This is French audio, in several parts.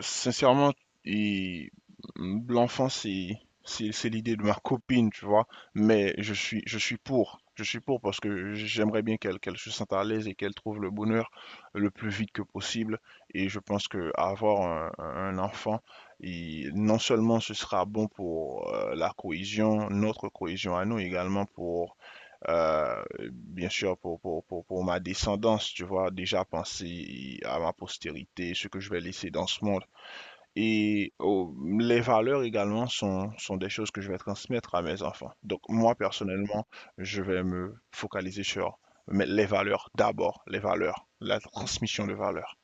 Sincèrement, et l'enfant, c'est l'idée de ma copine, tu vois. Mais je suis pour, je suis pour parce que j'aimerais bien qu'elle se sente à l'aise et qu'elle trouve le bonheur le plus vite que possible. Et je pense que avoir un enfant, non seulement ce sera bon pour la cohésion, notre cohésion à nous également pour euh, bien sûr pour ma descendance, tu vois, déjà penser à ma postérité, ce que je vais laisser dans ce monde. Et les valeurs également sont des choses que je vais transmettre à mes enfants. Donc moi, personnellement, je vais me focaliser sur mais les valeurs d'abord, les valeurs, la transmission de valeurs.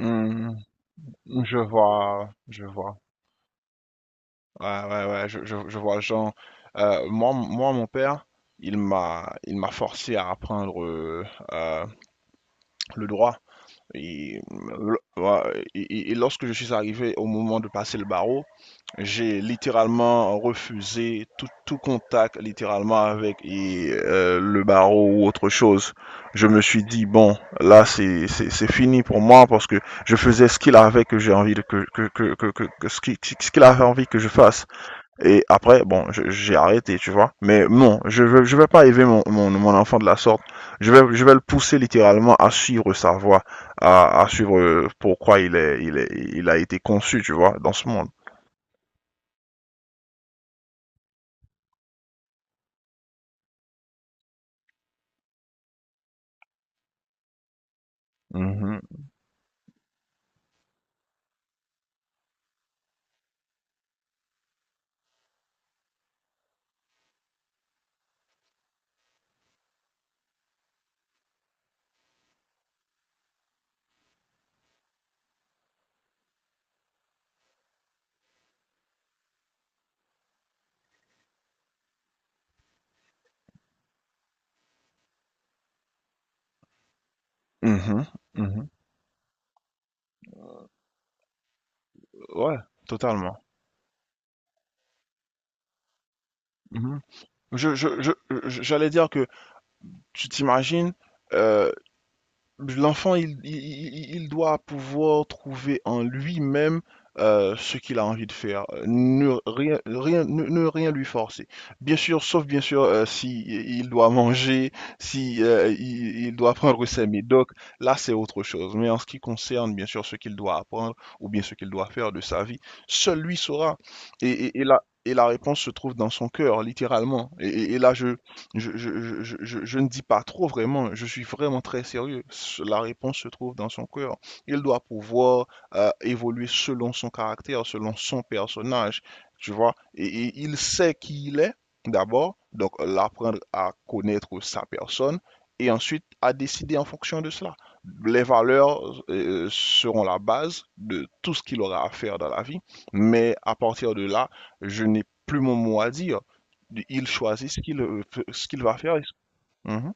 Hum, je vois. Ouais, ouais, ouais, je vois Jean. Mon père, il m'a forcé à apprendre euh, le droit. Et, ouais, et lorsque je suis arrivé au moment de passer le barreau, j'ai littéralement refusé tout, tout contact littéralement avec et, le barreau ou autre chose. Je me suis dit, bon, là, c'est fini pour moi parce que je faisais ce qu'il avait que j'ai envie de, ce qu'il avait envie que je fasse. Et après, bon, j'ai arrêté, tu vois. Mais non, je veux pas élever mon enfant de la sorte. Je vais le pousser littéralement à suivre sa voie, à suivre pourquoi il a été conçu, tu vois, dans ce monde. Mhm. Mhm, mhm. Ouais, totalement. Mhm. Je je je je j'allais dire que tu t'imagines, euh, l'enfant, il doit pouvoir trouver en lui-même ce qu'il a envie de faire. Ne rien lui forcer. Bien sûr, sauf bien sûr si il doit manger, si il doit prendre ses médocs. Là, c'est autre chose. Mais en ce qui concerne bien sûr ce qu'il doit apprendre ou bien ce qu'il doit faire de sa vie, seul lui saura. Et la réponse se trouve dans son cœur, littéralement. Et là, je ne dis pas trop vraiment, je suis vraiment très sérieux. La réponse se trouve dans son cœur. Il doit pouvoir évoluer selon son caractère, selon son personnage, tu vois. Et il sait qui il est, d'abord, donc l'apprendre à connaître sa personne, et ensuite à décider en fonction de cela. Les valeurs seront la base de tout ce qu'il aura à faire dans la vie, mais à partir de là, je n'ai plus mon mot à dire. Il choisit ce qu'il ce qu'il va faire. Mhm.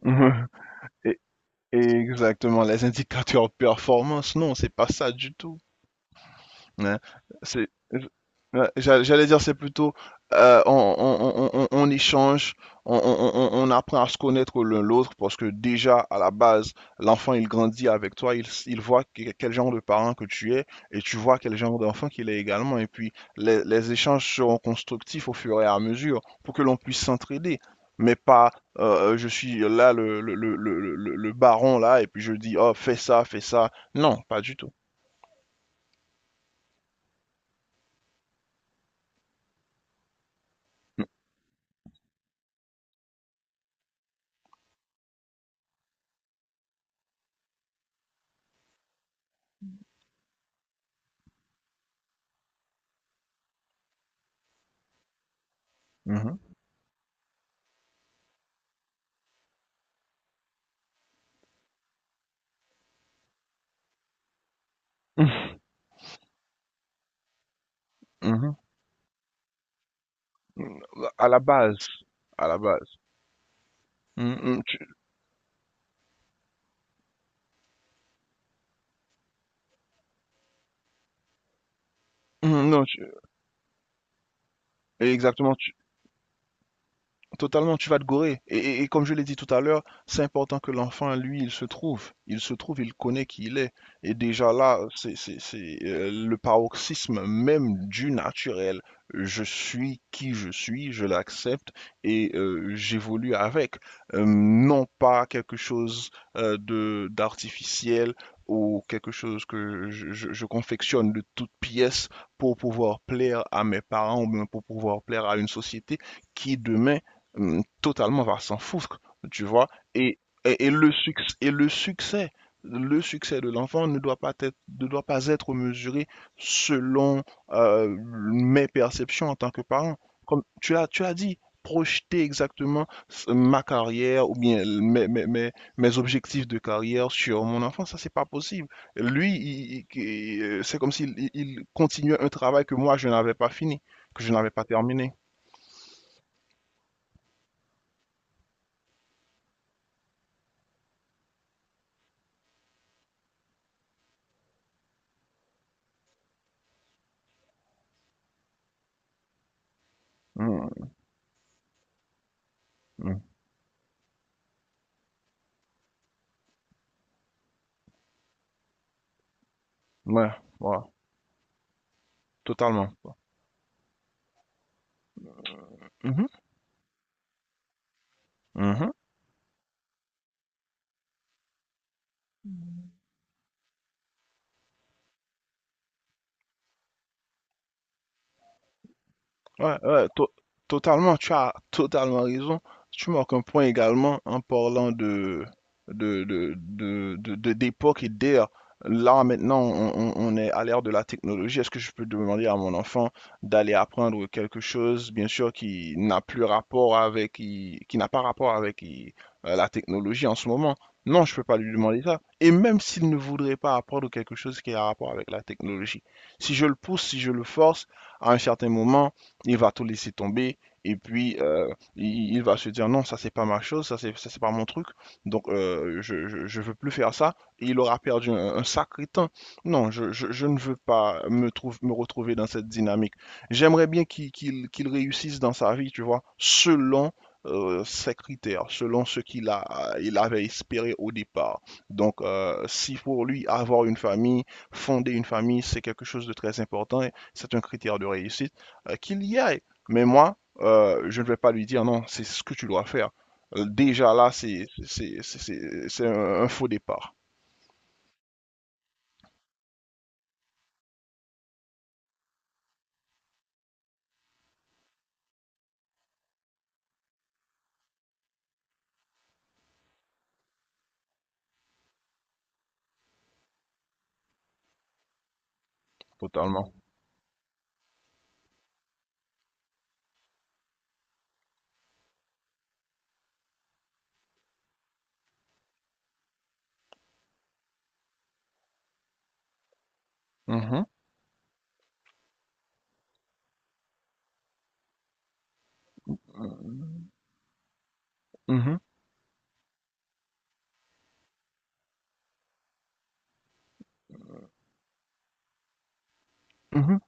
Mhm. Et- Exactement, les indicateurs performance, non, c'est pas ça du tout. Ouais, c'est, ouais, j'allais dire, c'est plutôt euh, on, on échange, on apprend à se connaître l'un l'autre parce que déjà à la base, l'enfant il grandit avec toi, il voit quel genre de parent que tu es et tu vois quel genre d'enfant qu'il est également. Et puis les échanges seront constructifs au fur et à mesure pour que l'on puisse s'entraider. Mais pas je suis là le baron là et puis je dis oh fais ça, fais ça. Non, pas du tout. Mhm. Mhm. Mm, à la base, à la base. Mm, mm, non, exactement. Totalement, tu vas te gourer. Et comme je l'ai dit tout à l'heure, c'est important que l'enfant, lui, il se trouve. Il se trouve, il connaît qui il est. Et déjà là, c'est, le paroxysme même du naturel. Je suis qui je suis, je l'accepte et j'évolue avec. Non pas quelque chose de d'artificiel ou quelque chose que je confectionne de toutes pièces pour pouvoir plaire à mes parents ou bien pour pouvoir plaire à une société qui demain totalement va s'en foutre, tu vois. Et, et le succès de l'enfant ne doit pas être, ne doit pas être mesuré selon euh, mes perceptions en tant que parent. Comme tu as dit, projeter exactement ma carrière ou bien mes objectifs de carrière sur mon enfant, ça c'est pas possible. Lui, c'est comme s'il il continuait un travail que moi je n'avais pas fini, que je n'avais pas terminé. Mm, mm. Ouais, ouais. Totalement, quoi. Mmh mh. Mmh. Ouais, ouais, to- totalement, tu as totalement raison. Tu marques un point également en parlant de, d'époque et d'ère. Là, maintenant, on est à l'ère de la technologie. Est-ce que je peux demander à mon enfant d'aller apprendre quelque chose, bien sûr, qui n'a plus rapport avec, qui n'a pas rapport avec la technologie en ce moment? Non, je peux pas lui demander ça. Et même s'il ne voudrait pas apprendre quelque chose qui a rapport avec la technologie. Si je le pousse, si je le force, à un certain moment, il va tout laisser tomber et puis il va se dire non, ça c'est pas ma chose, ça, c'est pas mon truc, donc je veux plus faire ça. Et il aura perdu un sacré temps. Non, je ne veux pas me, trouve, me retrouver dans cette dynamique. J'aimerais bien qu'il réussisse dans sa vie, tu vois, selon ses critères, selon ce qu'il a, il avait espéré au départ. Donc, si pour lui, avoir une famille, fonder une famille, c'est quelque chose de très important, c'est un critère de réussite qu'il y aille. Mais moi, je ne vais pas lui dire non, c'est ce que tu dois faire. Déjà là, c'est un faux départ, totalement. Mhm, mhm. Mhm.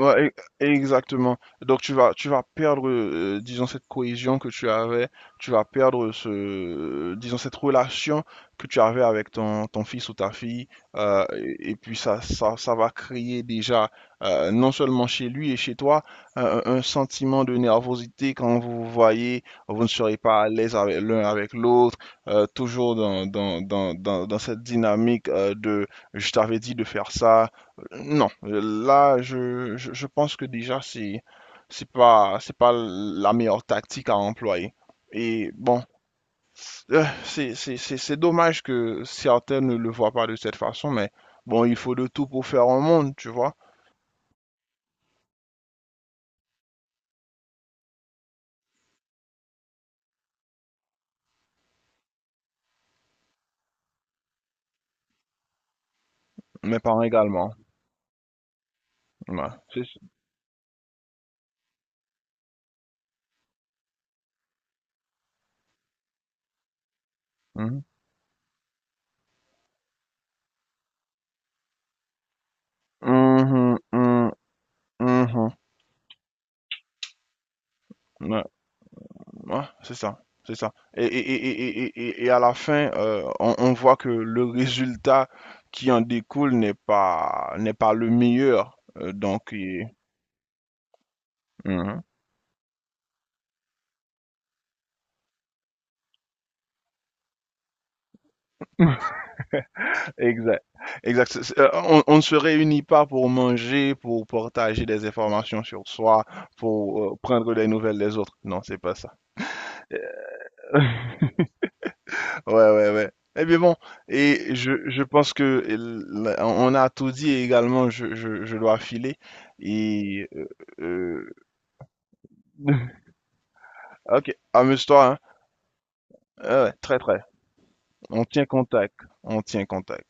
Ouais, exactement. Donc tu vas perdre disons cette cohésion que tu avais, tu vas perdre ce disons cette relation que tu avais avec ton fils ou ta fille et puis ça va créer déjà non seulement chez lui et chez toi un sentiment de nervosité quand vous vous voyez, vous ne serez pas à l'aise avec l'un avec l'autre, toujours dans cette dynamique de je t'avais dit de faire ça non, là, je pense que déjà, c'est pas la meilleure tactique à employer. Et bon, c'est dommage que certains ne le voient pas de cette façon, mais bon, il faut de tout pour faire un monde, tu vois. Mes parents également. Ouais, c'est ça. Mhm. Mhm, mhm, mhm. Ouais. Ouais, c'est ça, c'est ça. Et à la fin, on voit que le résultat qui en découle n'est pas, n'est pas le meilleur. Donc, et- Mhm. Exact. Exact. On ne se réunit pas pour manger, pour partager des informations sur soi, pour prendre des nouvelles des autres. Non, c'est pas ça. Ouais, ouais, ouais. Eh bien bon, et je pense que on a tout dit et également je dois filer. Et euh, ok, amuse-toi, hein. Ouais, ouais, très très. On tient contact. On tient contact.